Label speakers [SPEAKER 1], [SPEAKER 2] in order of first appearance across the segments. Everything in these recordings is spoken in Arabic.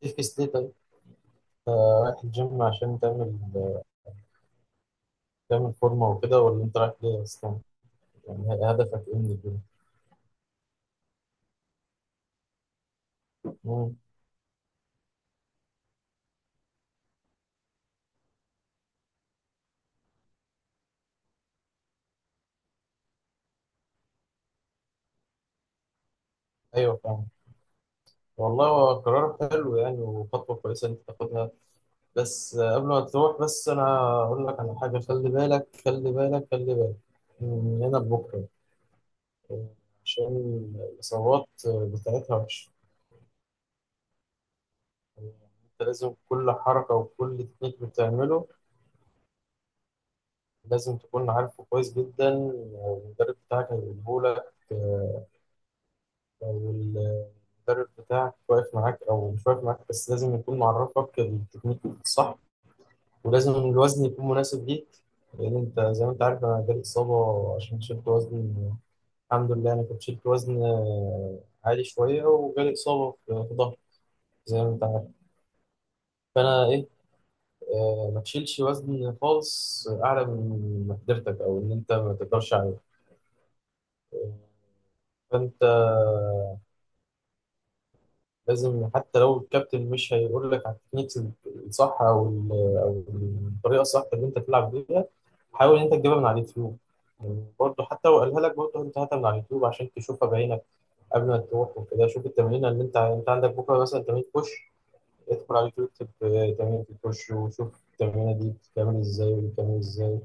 [SPEAKER 1] تفكس ليه طيب؟ أنت رايح الجيم عشان تعمل فورمة وكده، ولا أنت رايح ليه أصلا؟ يعني هدفك إيه من الجيم؟ مم. أيوه، فاهم. والله هو قرار حلو يعني، وخطوة كويسة إن أنت تاخدها. بس قبل ما تروح، بس أنا أقول لك على حاجة. خلي بالك خلي بالك خلي بالك من هنا لبكرة، آه، عشان الإصابات بتاعتها وحشة. يعني أنت لازم كل حركة وكل تكنيك بتعمله لازم تكون عارفه كويس جدا، والمدرب بتاعك هيقوله لك. لو المدرب بتاعك واقف معاك او مش واقف معاك، بس لازم يكون معرفك التكنيك الصح، ولازم الوزن يكون مناسب ليك. لان انت زي ما انت عارف، انا جالي اصابه عشان شلت وزن. الحمد لله، انا كنت شلت وزن عالي شويه، وجالي اصابه في ظهري، زي ما انت عارف. فانا ايه، ما تشيلش وزن خالص اعلى من مقدرتك او ان انت ما تقدرش عليه. آه، فانت لازم، حتى لو الكابتن مش هيقول لك على التكنيكس الصح او الطريقه الصح اللي انت تلعب بيها، حاول انت تجيبها من على اليوتيوب. يعني برضه حتى لو قالها لك، برضه انت هاتها من على اليوتيوب عشان تشوفها بعينك قبل ما تروح وكده. شوف التمرين اللي انت عندك بكره، مثلا تمرين بوش، ادخل على اليوتيوب اكتب تمرين البوش، وشوف التمرينه دي بتتعمل ازاي، وبتتعمل ازاي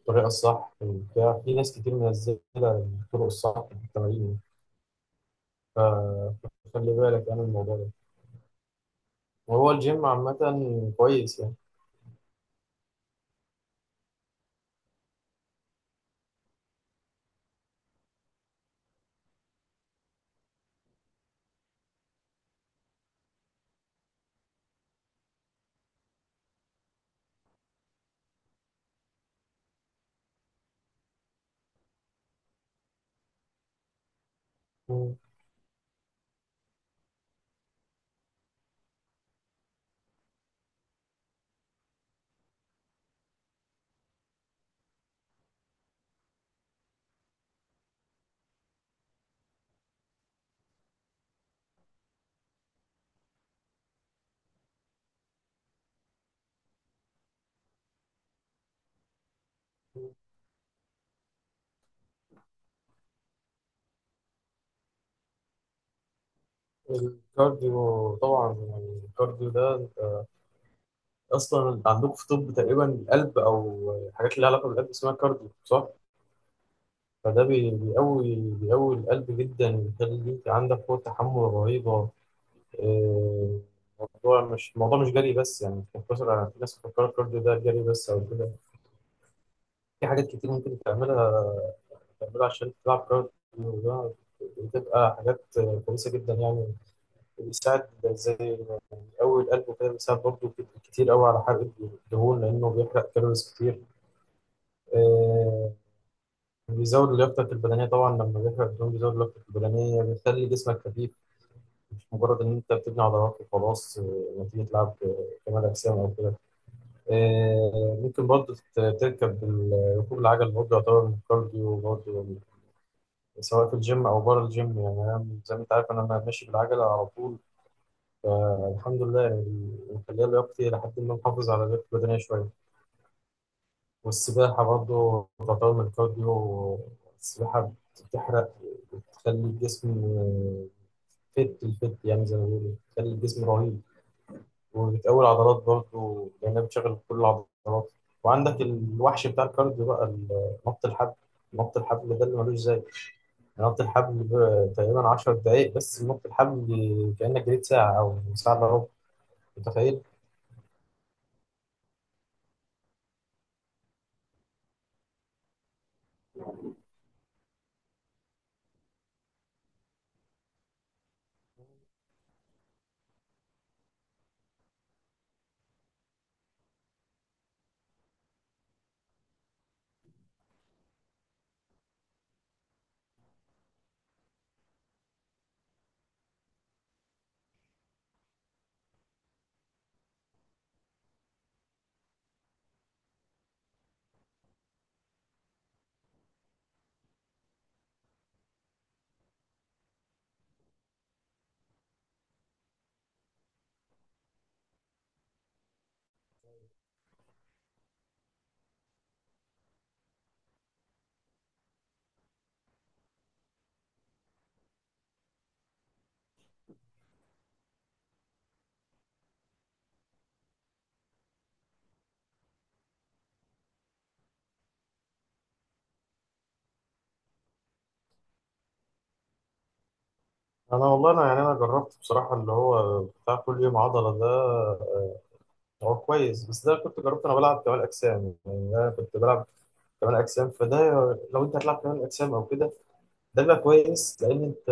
[SPEAKER 1] الطريقه الصح، وبتاع في ناس كتير منزله الطرق الصح في التمارين. فخلي بالك يعني من الموضوع ده. هو الجيم عامة كويس يعني. مم. الكارديو طبعا، يعني الكارديو ده انت اصلا انت عندكم في طب تقريبا القلب او الحاجات اللي لها علاقه بالقلب اسمها كارديو، صح؟ فده بيقوي القلب جدا، بيخليك عندك قوه تحمل رهيبه. آه، الموضوع مش جري بس يعني، مش مقتصر على، في ناس بتفكر الكارديو ده جري بس او كده. في حاجات كتير ممكن تعملها عشان تلعب كارديو، ده بتبقى حاجات كويسه جدا يعني. بيساعد زي قوي القلب كده، بيساعد برضه كتير قوي على حرق الدهون لأنه بيحرق كالوريز كتير. آه، بيزود لياقتك البدنية. طبعا لما بيحرق الدهون بيزود لياقتك البدنية، بيخلي جسمك خفيف، مش مجرد إن أنت بتبني عضلات وخلاص، نتيجة لعب كمال أجسام أو كده. ممكن برضه ركوب العجل برضه يعتبر من الكارديو برضه، سواء في الجيم أو بره الجيم. يعني أنا زي ما أنت عارف، أنا ماشي بالعجلة على طول، فالحمد لله يعني مخليها لياقتي، لحد ما محافظ على لياقتي البدنية شوية. والسباحة برضه تعتبر من الكارديو. السباحة بتحرق، بتخلي الجسم الفت، يعني زي ما بيقولوا بتخلي الجسم رهيب. وبتقوي العضلات برضه، لأنها بتشغل كل العضلات. وعندك الوحش بتاع الكارديو بقى، نط الحبل. نط الحبل ده اللي ملوش زي. نط الحبل تقريبا 10 دقايق بس، نط الحبل كأنك جريت ساعة أو ساعة إلا ربع، متخيل؟ أنا والله، أنا يعني أنا جربت بصراحة اللي هو بتاع كل يوم عضلة ده. هو كويس، بس ده كنت جربت انا بلعب كمال اجسام، يعني انا كنت بلعب كمال اجسام. فده لو انت هتلعب كمال اجسام او كده، ده بيبقى كويس. لان انت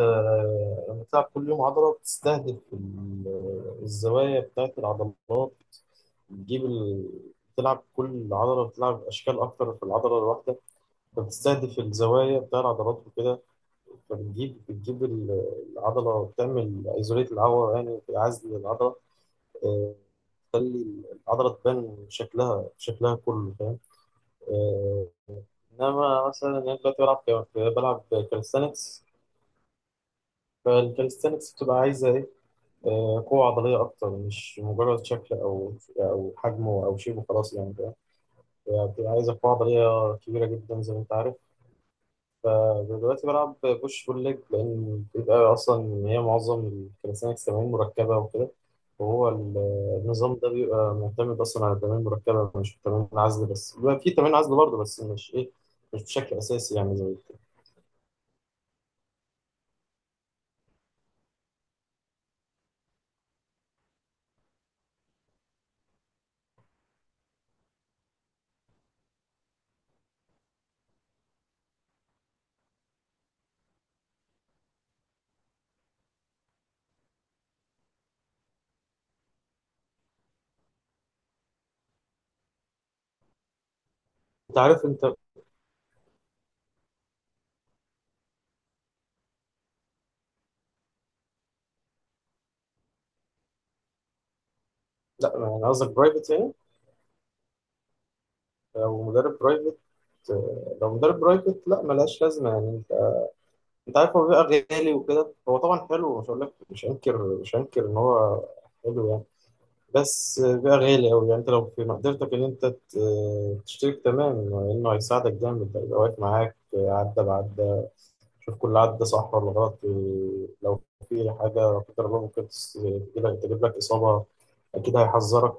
[SPEAKER 1] لما بتلعب كل يوم عضله بتستهدف الزوايا بتاعت العضلات، بتجيب بتلعب كل عضله، بتلعب اشكال اكتر في العضله الواحده، فبتستهدف الزوايا بتاع العضلات وكده، فبتجيب العضله، بتعمل ايزوليت العضله، يعني عزل العضله، تخلي العضلة تبان شكلها شكلها كله، فاهم؟ آه، إنما مثلا أنا دلوقتي بلعب بلعب كاليستانكس. فالكاليستانكس بتبقى عايزة إيه؟ قوة عضلية أكتر، مش مجرد شكل أو حجم أو شيء وخلاص يعني، فاهم؟ هي بتبقى عايزة قوة عضلية كبيرة جدا زي ما أنت عارف. فدلوقتي بلعب بوش بول ليج، لأن بيبقى أصلا هي معظم الكاليستانكس تمارين مركبة وكده، وهو النظام ده بيبقى معتمد أصلا على التمارين المركبة مش تمارين العزل بس، بيبقى في تمارين عزل برضه بس مش إيه، مش بشكل أساسي يعني زي كده. أنت عارف أنت. لا يعني قصدك برايفت يعني. لو مدرب برايفت لو مدرب برايفت لا ملهاش لازمة يعني. أنت عارف هو بيبقى غالي وكده. هو طبعا حلو، مش هقول لك، مش هنكر إن هو حلو يعني، بس بقى غالي أوي. يعني أنت لو في مقدرتك إن أنت تشترك، تمام، لأنه هيساعدك جامد. هيبقى واقف معاك عدة بعدة، شوف كل عدة صح ولا غلط. لو في حاجة لا قدر الله ممكن تجيب لك إصابة، أكيد هيحذرك.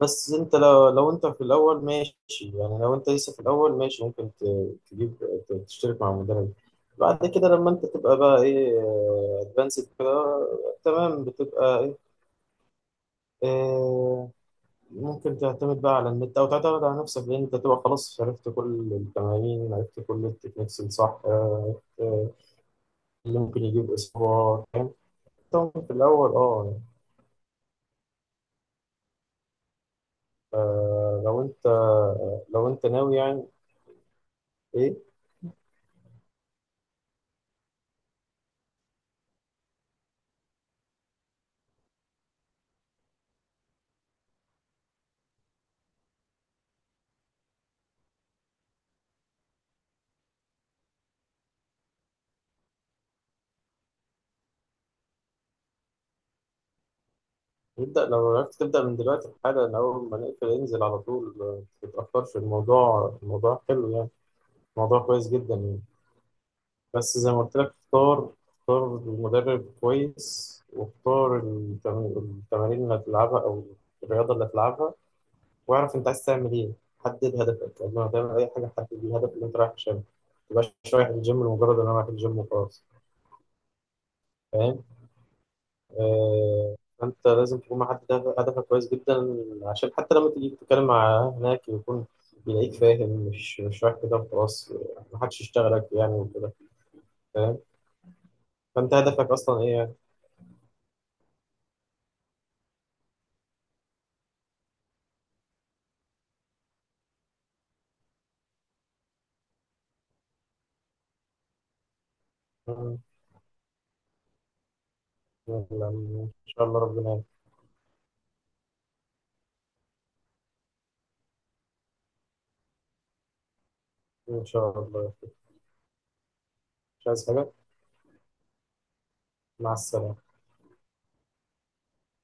[SPEAKER 1] بس أنت لو أنت في الأول ماشي يعني، لو أنت لسه في الأول ماشي ممكن تشترك مع المدرب. بعد كده لما أنت تبقى بقى إيه، أدفانسد كده، تمام، بتبقى إيه، آه، ممكن تعتمد بقى على النت او تعتمد على نفسك، لان انت تبقى خلاص عرفت كل التمارين، عرفت كل التكنيكس الصح، عرفت اللي ممكن يجيب اسبوع، فاهم؟ طبعاً في الاول، يعني، آه، لو انت لو انت ناوي يعني ايه؟ نبدا لو عرفت تبدا من دلوقتي حالا، من اول ما نقفل انزل على طول، ما تتاخرش، الموضوع حلو يعني، الموضوع كويس جدا يعني. بس زي ما قلت لك، اختار المدرب كويس، واختار التمارين اللي هتلعبها او الرياضه اللي هتلعبها، واعرف انت عايز تعمل ايه. حدد هدفك قبل ما تعمل اي حاجه. حدد الهدف اللي انت رايح عشانه، ما تبقاش رايح الجيم لمجرد ان انا رايح الجيم وخلاص، فاهم؟ آه انت لازم تكون محدد هدفك كويس جدا، عشان حتى لما تيجي تتكلم مع هناك يكون يلاقيك فاهم، مش رايح كده وخلاص، محدش يشتغلك يعني وكده، فاهم؟ فانت هدفك اصلا ايه يعني؟ يلا، إن شاء الله ربنا يكرمك. إن شاء الله. مش عايز حاجة. مع السلامة.